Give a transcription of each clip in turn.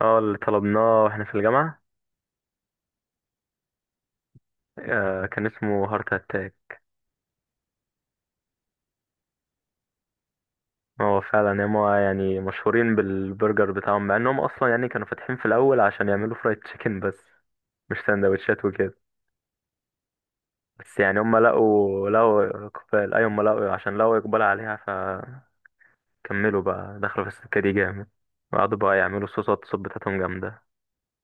اه، اللي طلبناه واحنا في الجامعة. آه، كان اسمه هارت اتاك. هو فعلا هما يعني مشهورين بالبرجر بتاعهم، مع انهم اصلا يعني كانوا فاتحين في الاول عشان يعملوا فرايد تشيكن بس، مش سندوتشات وكده. بس يعني هما لقوا اقبال. اي هما لقوا عشان لقوا اقبال عليها، فكملوا بقى دخلوا في السكة دي جامد. وقعدوا بقى يعملوا صوصات، الصوت بتاعتهم جامدة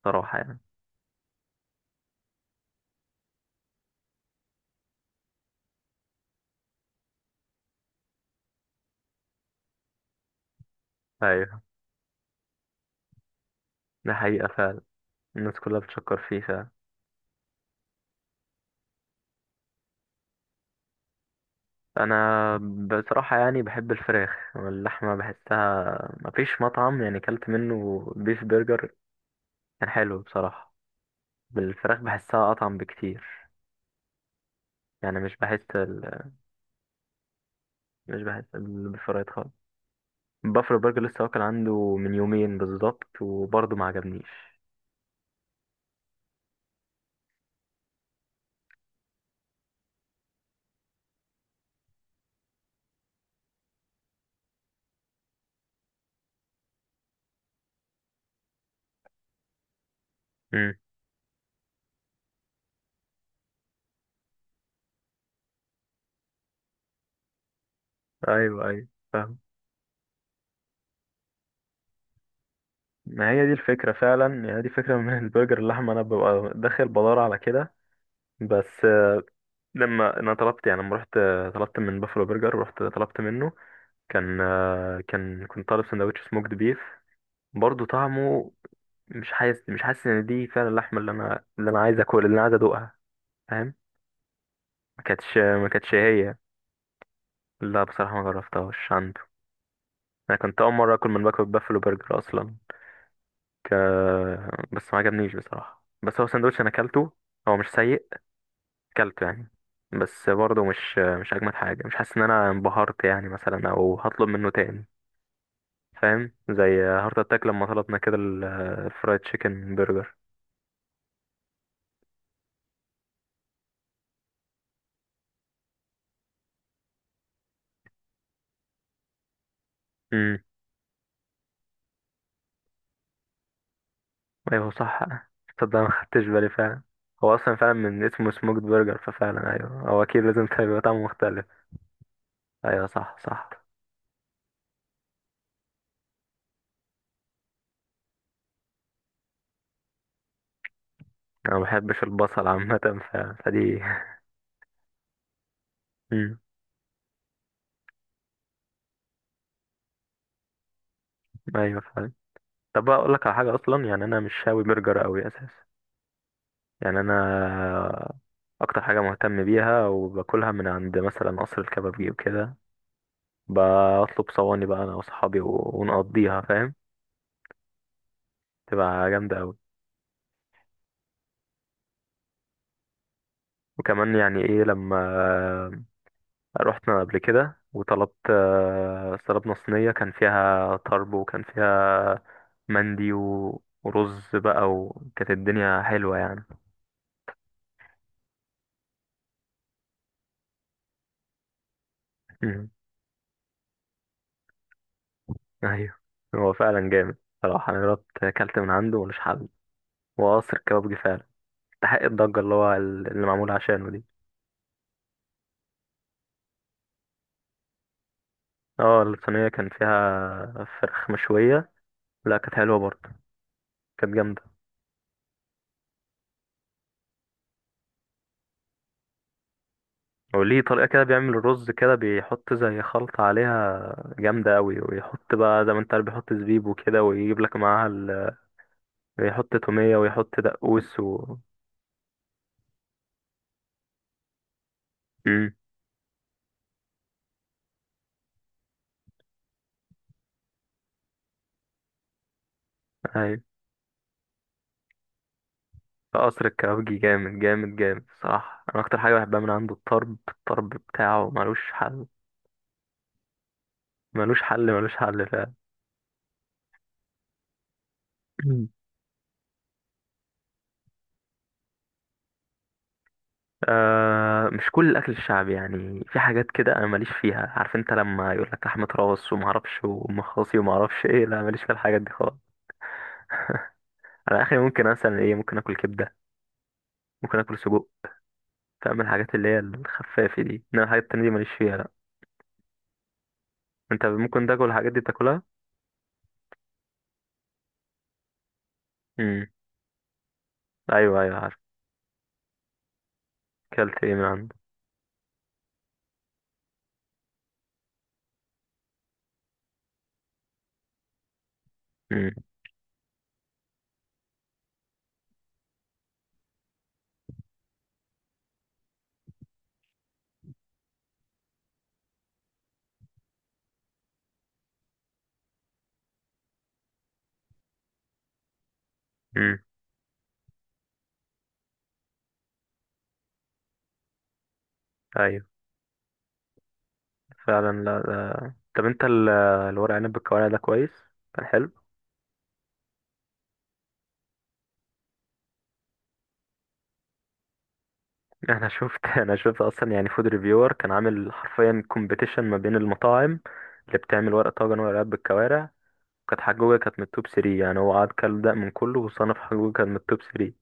صراحة يعني. ايوه، ده حقيقة فعلا، الناس كلها بتشكر فيه. انا بصراحه يعني بحب الفراخ، واللحمه بحسها مفيش مطعم يعني كلت منه بيف برجر كان حلو بصراحه. بالفراخ بحسها اطعم بكتير، يعني مش بحس ال- بالفرايد خالص. بافلو برجر لسه واكل عنده من يومين بالظبط وبرضه ما عجبنيش. امم، ايوه ايوه، فاهم. ما هي دي الفكره فعلا، يعني دي فكره من البرجر اللحمه انا ببقى داخل بدور على كده. بس لما انا طلبت، يعني لما رحت طلبت من بافلو برجر ورحت طلبت منه، كان كان كنت طالب سندوتش سموكد بيف، برضه طعمه مش حاسس ان دي فعلا اللحمه اللي انا عايز اكل، اللي انا عايز ادوقها، فاهم. ما كانتش هي، لا بصراحه ما جربتهاش عنده. انا كنت اول مره اكل من باكو بافلو برجر اصلا. ك... بس ما عجبنيش بصراحه. بس هو سندوتش انا اكلته، هو مش سيء، اكلته يعني. بس برضه مش اجمد حاجه، مش حاسس ان انا انبهرت يعني مثلا، او هطلب منه تاني، فاهم. زي هارت اتاك لما طلبنا كده الفرايد تشيكن برجر. امم، ايوه صح. تصدق ما خدتش بالي فعلا. هو اصلا فعلا من اسمه سموكد برجر، ففعلا ايوه هو اكيد لازم يبقى طعمه مختلف. ايوه صح صح. انا ما بحبش البصل عامه ف... فدي. امم، ايوه فعلا. طب بقى اقول لك على حاجه، اصلا يعني انا مش شاوي برجر قوي اساسا، يعني انا اكتر حاجه مهتم بيها وباكلها من عند مثلا قصر الكبابجي وكده. بطلب صواني بقى انا واصحابي ونقضيها فاهم، تبقى جامده قوي. وكمان يعني ايه لما رحنا قبل كده وطلبت، طلبنا صينية كان فيها طرب، وكان فيها مندي ورز بقى، وكانت الدنيا حلوة يعني. مم. أيوه، هو فعلا جامد صراحة. أنا جربت أكلت من عنده ملوش حل، وقصر كبابجي فعلا استحق الضجة اللي معمولة عشانه دي. اه، الصينية كان فيها فراخ مشوية، لا كانت حلوة برضه، كانت جامدة. هو ليه طريقة كده بيعمل الرز كده، بيحط زي خلطة عليها جامدة أوي، ويحط بقى زي ما انت عارف بيحط زبيب وكده، ويجيب لك معاها ويحط تومية، ويحط دقوس و مم. أيوة، قصر الكبابجي جامد جامد جامد صراحة. أنا أكتر حاجة بحبها من عنده الطرب، الطرب بتاعه ملوش حل، ملوش حل ملوش حل فعلا. مم. آه، مش كل الأكل الشعبي يعني. في حاجات كده أنا ماليش فيها، عارف أنت لما يقول لك لحمة راس ومعرفش ومخاصي ومعرفش إيه، لا ماليش في الحاجات دي خالص. على اخري ممكن مثلا ايه، ممكن اكل كبده، ممكن اكل سجق، فاهم الحاجات اللي هي الخفافه دي، انما الحاجات التانية دي ماليش فيها لا. انت ممكن تاكل الحاجات دي تاكلها. امم، ايوه ايوه عارف. اكلت ايه من عنده. امم. امم، ايوه فعلا. لا لا. طب انت الورق عنب بالكوارع ده كويس؟ كان حلو. انا شفت انا شفت اصلا يعني فود ريفيور كان عامل حرفيا كومبيتيشن ما بين المطاعم اللي بتعمل ورق طاجن ورق عنب بالكوارع، كانت حجوجة كانت من التوب 3 يعني. هو قعد كل ده من كله وصنف، حجوجة كانت من التوب 3.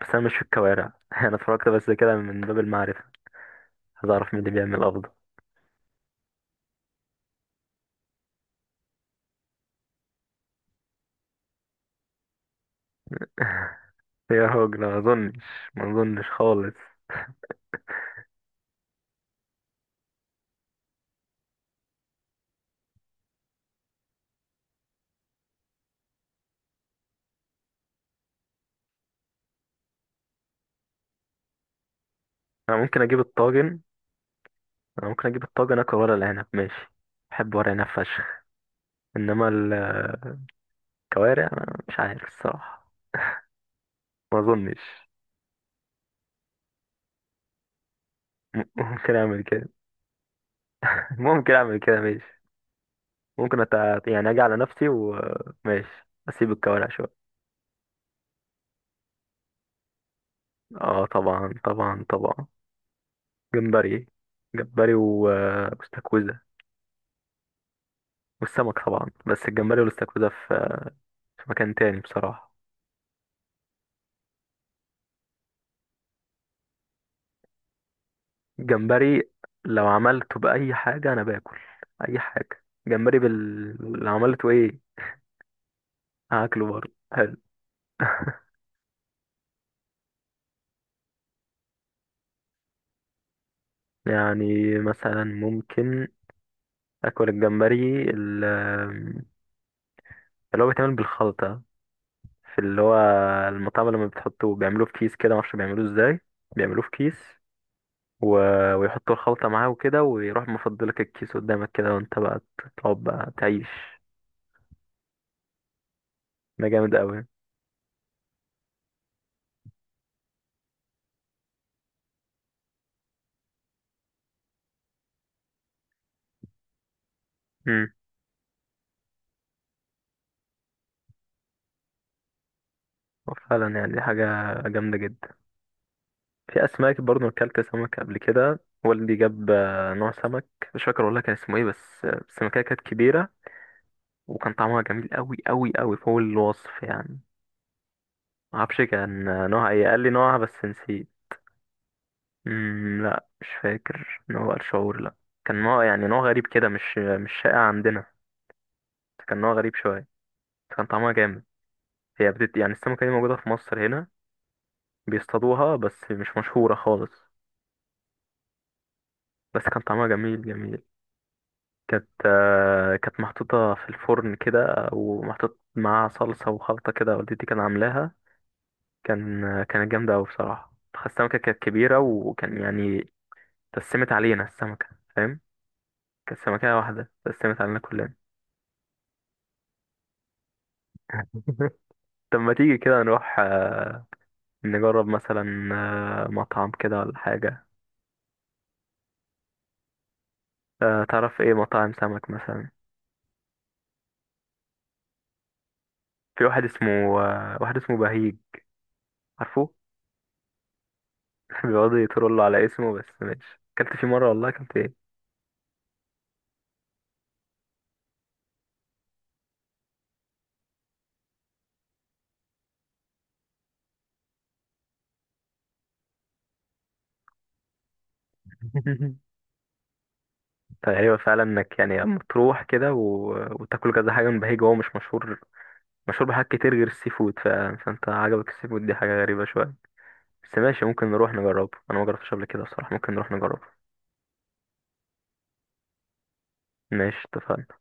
بس أنا مش في الكوارع أنا اتفرجت بس كده من باب المعرفة، عايز أعرف مين اللي بيعمل أفضل. يا راجل ما أظنش، ما أظنش خالص. أنا ممكن أجيب الطاجن، أنا ممكن أجيب الطاجن أكل ورق العنب ماشي، بحب ورق العنب فشخ. إنما الكوارع أنا مش عارف الصراحة، ما أظنش. ممكن أعمل كده ممكن أعمل كده ماشي، ممكن أت... يعني أجي على نفسي وماشي أسيب الكوارع شوية. اه طبعا طبعا طبعا. جمبري، جمبري و- واستاكوزا والسمك طبعا. بس الجمبري والاستاكوزا في في مكان تاني بصراحة. الجمبري لو عملته بأي حاجة أنا باكل، أي حاجة، لو عملته إيه هاكله برضه حلو. يعني مثلا ممكن أكل اللي هو بيتعمل بالخلطة، في اللي هو المطعم لما بتحطه بيعملوه في كيس كده، معرفش بيعملوه ازاي، بيعملوه في كيس و... ويحطوا الخلطة معاه وكده، ويروح مفضلك الكيس قدامك كده، وانت بقى تقعد بقى تعيش. ده جامد قوي. امم، فعلا يعني دي حاجة جامدة جدا. في أسماك برضه، أكلت سمك قبل كده والدي جاب، نوع سمك مش فاكر والله كان اسمه ايه، بس السمكية كانت كبيرة، وكان طعمها جميل قوي قوي قوي فوق الوصف يعني. معرفش كان نوعها ايه، قال لي نوعها بس نسيت. امم، لا مش فاكر نوع الشعور لا. كان نوع يعني نوع غريب كده، مش شائع عندنا، كان نوع غريب شوية، كان طعمها جامد. يعني السمكة دي موجودة في مصر هنا، بيصطادوها بس مش مشهورة خالص، بس كان طعمها جميل جميل. كانت كانت محطوطة في الفرن كده، ومحطوط معاها صلصة وخلطة كده، والدتي كان عاملاها، كان كانت جامدة أوي بصراحة. السمكة كانت كبيرة، وكان يعني تسمت علينا السمكة فاهم، كانت سمكة واحدة تسمت علينا كلنا. طب ما تيجي كده نروح، نجرب مثلا مطعم كده ولا حاجة. تعرف ايه مطاعم سمك مثلا؟ في واحد اسمه واحد اسمه بهيج، عارفه؟ بيقعدوا يترولوا على اسمه، بس ماشي اكلت فيه مرة والله اكلت ايه. ايوه فعلا، انك يعني لما تروح كده وتاكل كذا حاجة من بهيج، هو مش مشهور، مشهور بحاجات كتير غير السي فود، فانت عجبك السي فود، دي حاجة غريبة شوية، بس ماشي ممكن نروح نجربه، انا ما جربتش قبل كده بصراحة، ممكن نروح نجربه. ماشي اتفقنا.